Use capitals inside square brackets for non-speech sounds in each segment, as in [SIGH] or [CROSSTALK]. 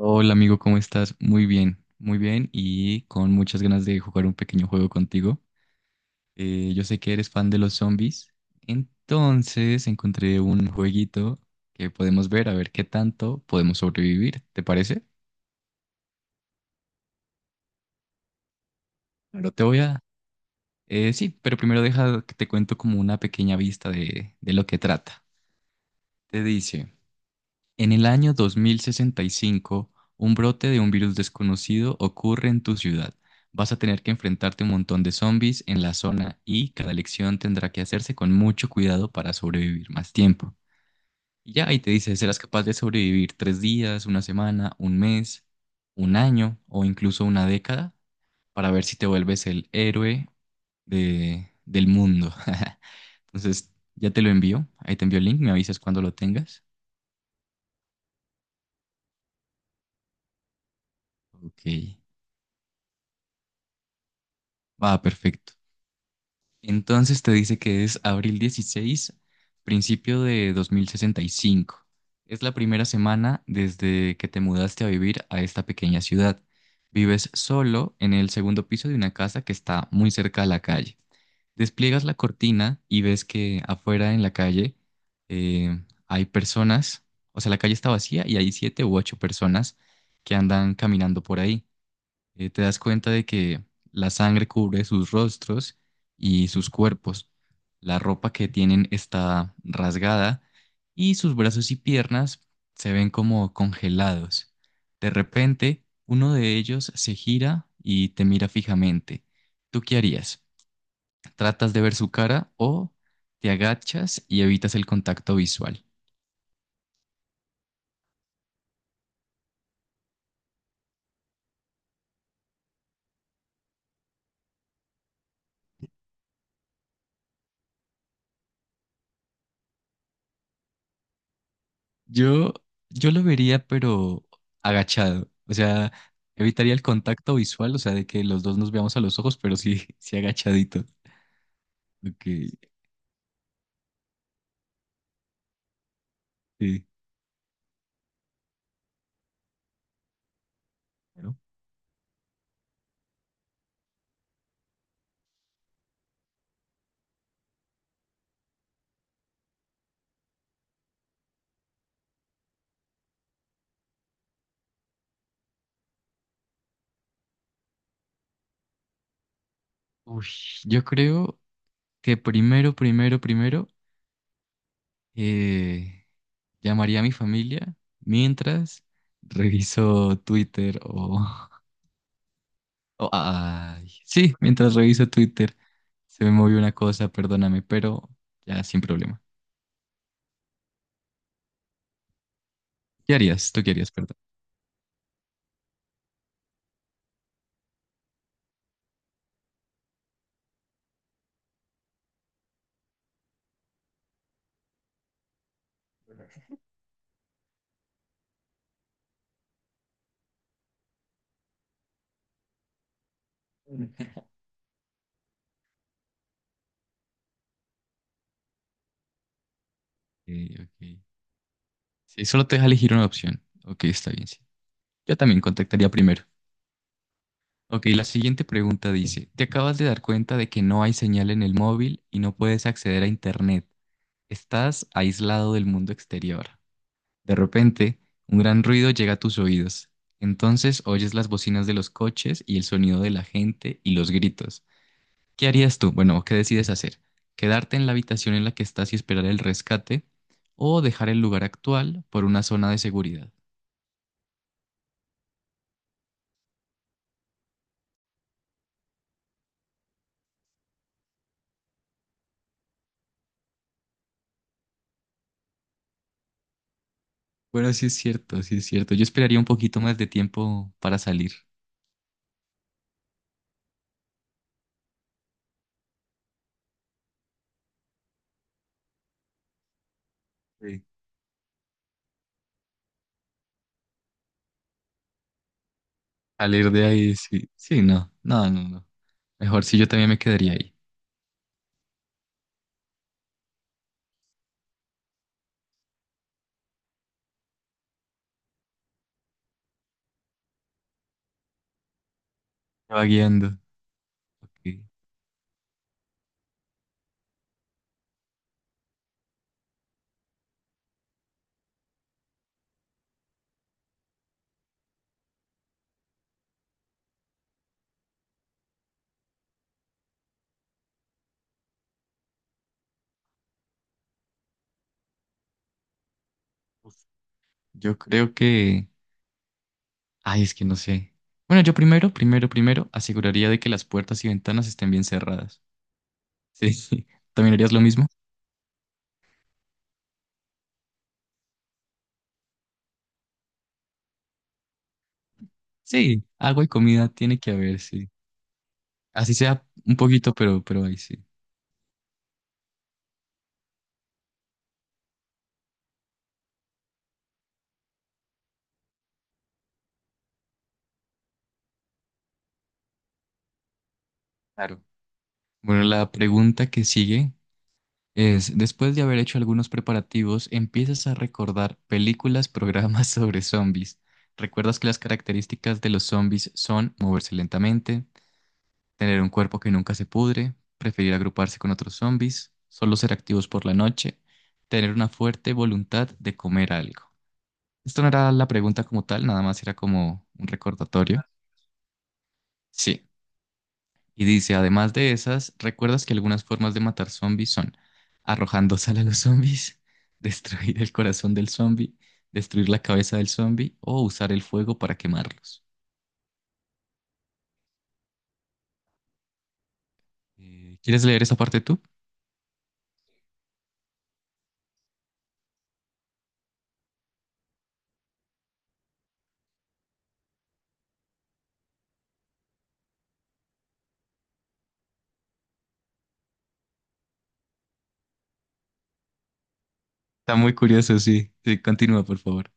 Hola amigo, ¿cómo estás? Muy bien y con muchas ganas de jugar un pequeño juego contigo. Yo sé que eres fan de los zombies, entonces encontré un jueguito que podemos ver a ver qué tanto podemos sobrevivir, ¿te parece? Claro, te voy a... sí, pero primero deja que te cuento como una pequeña vista de lo que trata. Te dice, en el año 2065, un brote de un virus desconocido ocurre en tu ciudad. Vas a tener que enfrentarte a un montón de zombies en la zona y cada elección tendrá que hacerse con mucho cuidado para sobrevivir más tiempo. Y ya ahí te dice, ¿serás capaz de sobrevivir 3 días, una semana, un mes, un año o incluso una década? Para ver si te vuelves el héroe del mundo. [LAUGHS] Entonces, ya te lo envío. Ahí te envío el link, me avisas cuando lo tengas. Ok. Va, perfecto. Entonces te dice que es abril 16, principio de 2065. Es la primera semana desde que te mudaste a vivir a esta pequeña ciudad. Vives solo en el segundo piso de una casa que está muy cerca a la calle. Despliegas la cortina y ves que afuera en la calle hay personas, o sea, la calle está vacía y hay siete u ocho personas que andan caminando por ahí. Te das cuenta de que la sangre cubre sus rostros y sus cuerpos. La ropa que tienen está rasgada y sus brazos y piernas se ven como congelados. De repente, uno de ellos se gira y te mira fijamente. ¿Tú qué harías? ¿Tratas de ver su cara o te agachas y evitas el contacto visual? Yo, yo lo vería, pero agachado. O sea, evitaría el contacto visual, o sea, de que los dos nos veamos a los ojos, pero sí, [LAUGHS] sí agachadito. Ok, sí. Claro. Uy, yo creo que primero, primero, primero, eh, llamaría a mi familia mientras reviso Twitter o... [LAUGHS] ay, sí, mientras reviso Twitter. Se me movió una cosa, perdóname, pero ya sin problema. ¿Qué harías? ¿Tú qué harías? Perdón. Ok, ok. Sí, solo te deja elegir una opción. Ok, está bien, sí. Yo también contactaría primero. Ok, la siguiente pregunta dice, te acabas de dar cuenta de que no hay señal en el móvil y no puedes acceder a internet. Estás aislado del mundo exterior. De repente, un gran ruido llega a tus oídos. Entonces oyes las bocinas de los coches y el sonido de la gente y los gritos. ¿Qué harías tú? Bueno, ¿qué decides hacer? ¿Quedarte en la habitación en la que estás y esperar el rescate o dejar el lugar actual por una zona de seguridad? Bueno, sí es cierto, sí es cierto. Yo esperaría un poquito más de tiempo para salir. Sí. Salir de ahí, sí. Sí, no, no, no, no. Mejor si yo también me quedaría ahí. Me va guiando. Ok. Uf. Yo creo que... Ay, es que no sé. Bueno, yo primero, primero, primero aseguraría de que las puertas y ventanas estén bien cerradas. Sí. [LAUGHS] Sí. ¿También harías lo mismo? Sí, agua y comida tiene que haber, sí. Así sea un poquito, pero ahí sí. Claro. Bueno, la pregunta que sigue es, después de haber hecho algunos preparativos, empiezas a recordar películas, programas [LAUGHS] sobre zombies. Recuerdas que las características de los zombies son moverse lentamente, tener un cuerpo que nunca se pudre, preferir agruparse con otros zombies, solo ser activos por la noche, tener una fuerte voluntad de comer algo. Esto no era la pregunta como tal, nada más era como un recordatorio. Sí. Y dice, además de esas, ¿recuerdas que algunas formas de matar zombies son arrojando [LAUGHS] sal a los zombies, [LAUGHS] destruir el corazón del zombie, destruir la cabeza del zombie o usar el fuego para quemarlos? ¿Quieres leer esa parte tú? Está muy curioso, sí. Sí, continúa, por favor.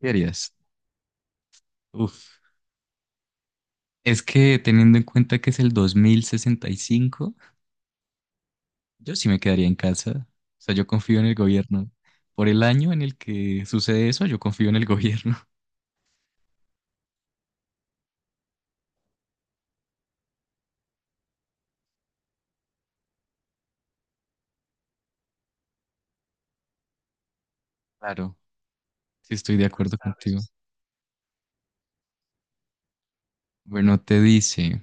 ¿Qué harías? Uf. Es que teniendo en cuenta que es el 2065, yo sí me quedaría en casa. O sea, yo confío en el gobierno. Por el año en el que sucede eso, yo confío en el gobierno. [LAUGHS] Claro, sí estoy de acuerdo contigo. Bueno, te dice,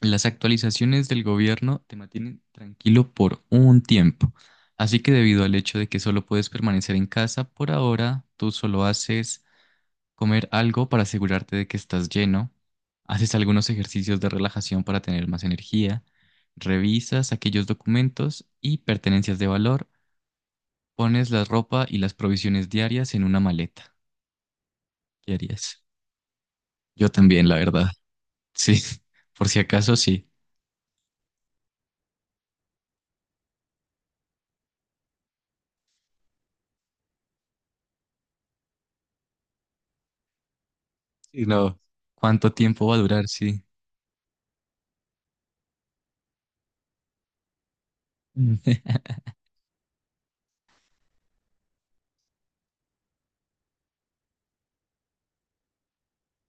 las actualizaciones del gobierno te mantienen tranquilo por un tiempo, así que debido al hecho de que solo puedes permanecer en casa por ahora, tú solo haces comer algo para asegurarte de que estás lleno, haces algunos ejercicios de relajación para tener más energía, revisas aquellos documentos y pertenencias de valor, pones la ropa y las provisiones diarias en una maleta. ¿Qué harías? Yo también, la verdad. Sí, [LAUGHS] por si acaso, sí. Sí, no. ¿Cuánto tiempo va a durar? Sí. Mm.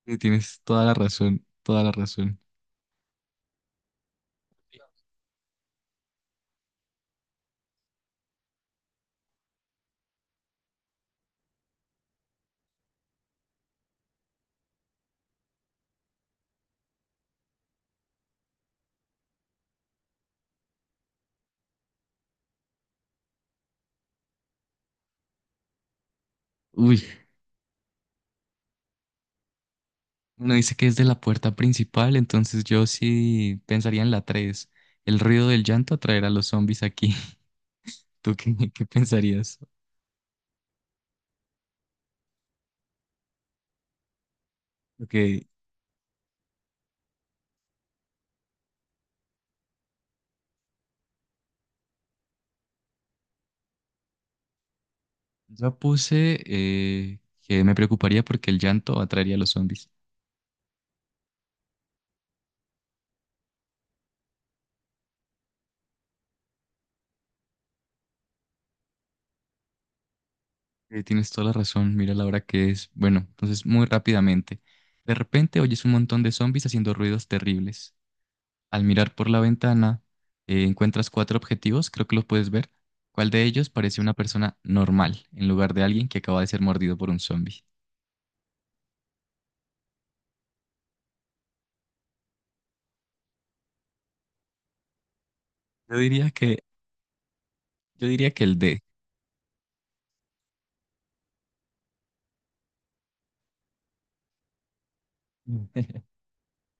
[LAUGHS] Tienes toda la razón, toda la razón. Uy, uno dice que es de la puerta principal, entonces yo sí pensaría en la 3. El ruido del llanto atraerá a los zombies aquí. [LAUGHS] ¿Tú qué pensarías? Ok, yo puse que me preocuparía porque el llanto atraería a los zombies. Tienes toda la razón, mira la hora que es. Bueno, entonces muy rápidamente. De repente oyes un montón de zombies haciendo ruidos terribles. Al mirar por la ventana, encuentras cuatro objetivos, creo que los puedes ver. ¿Cuál de ellos parece una persona normal en lugar de alguien que acaba de ser mordido por un zombie? Yo diría que, yo diría que el D. [LAUGHS]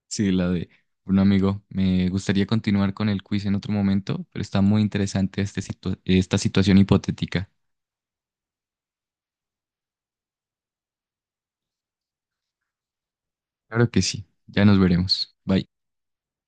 Sí, la D. Bueno, amigo, me gustaría continuar con el quiz en otro momento, pero está muy interesante esta situación hipotética. Claro que sí. Ya nos veremos. Bye.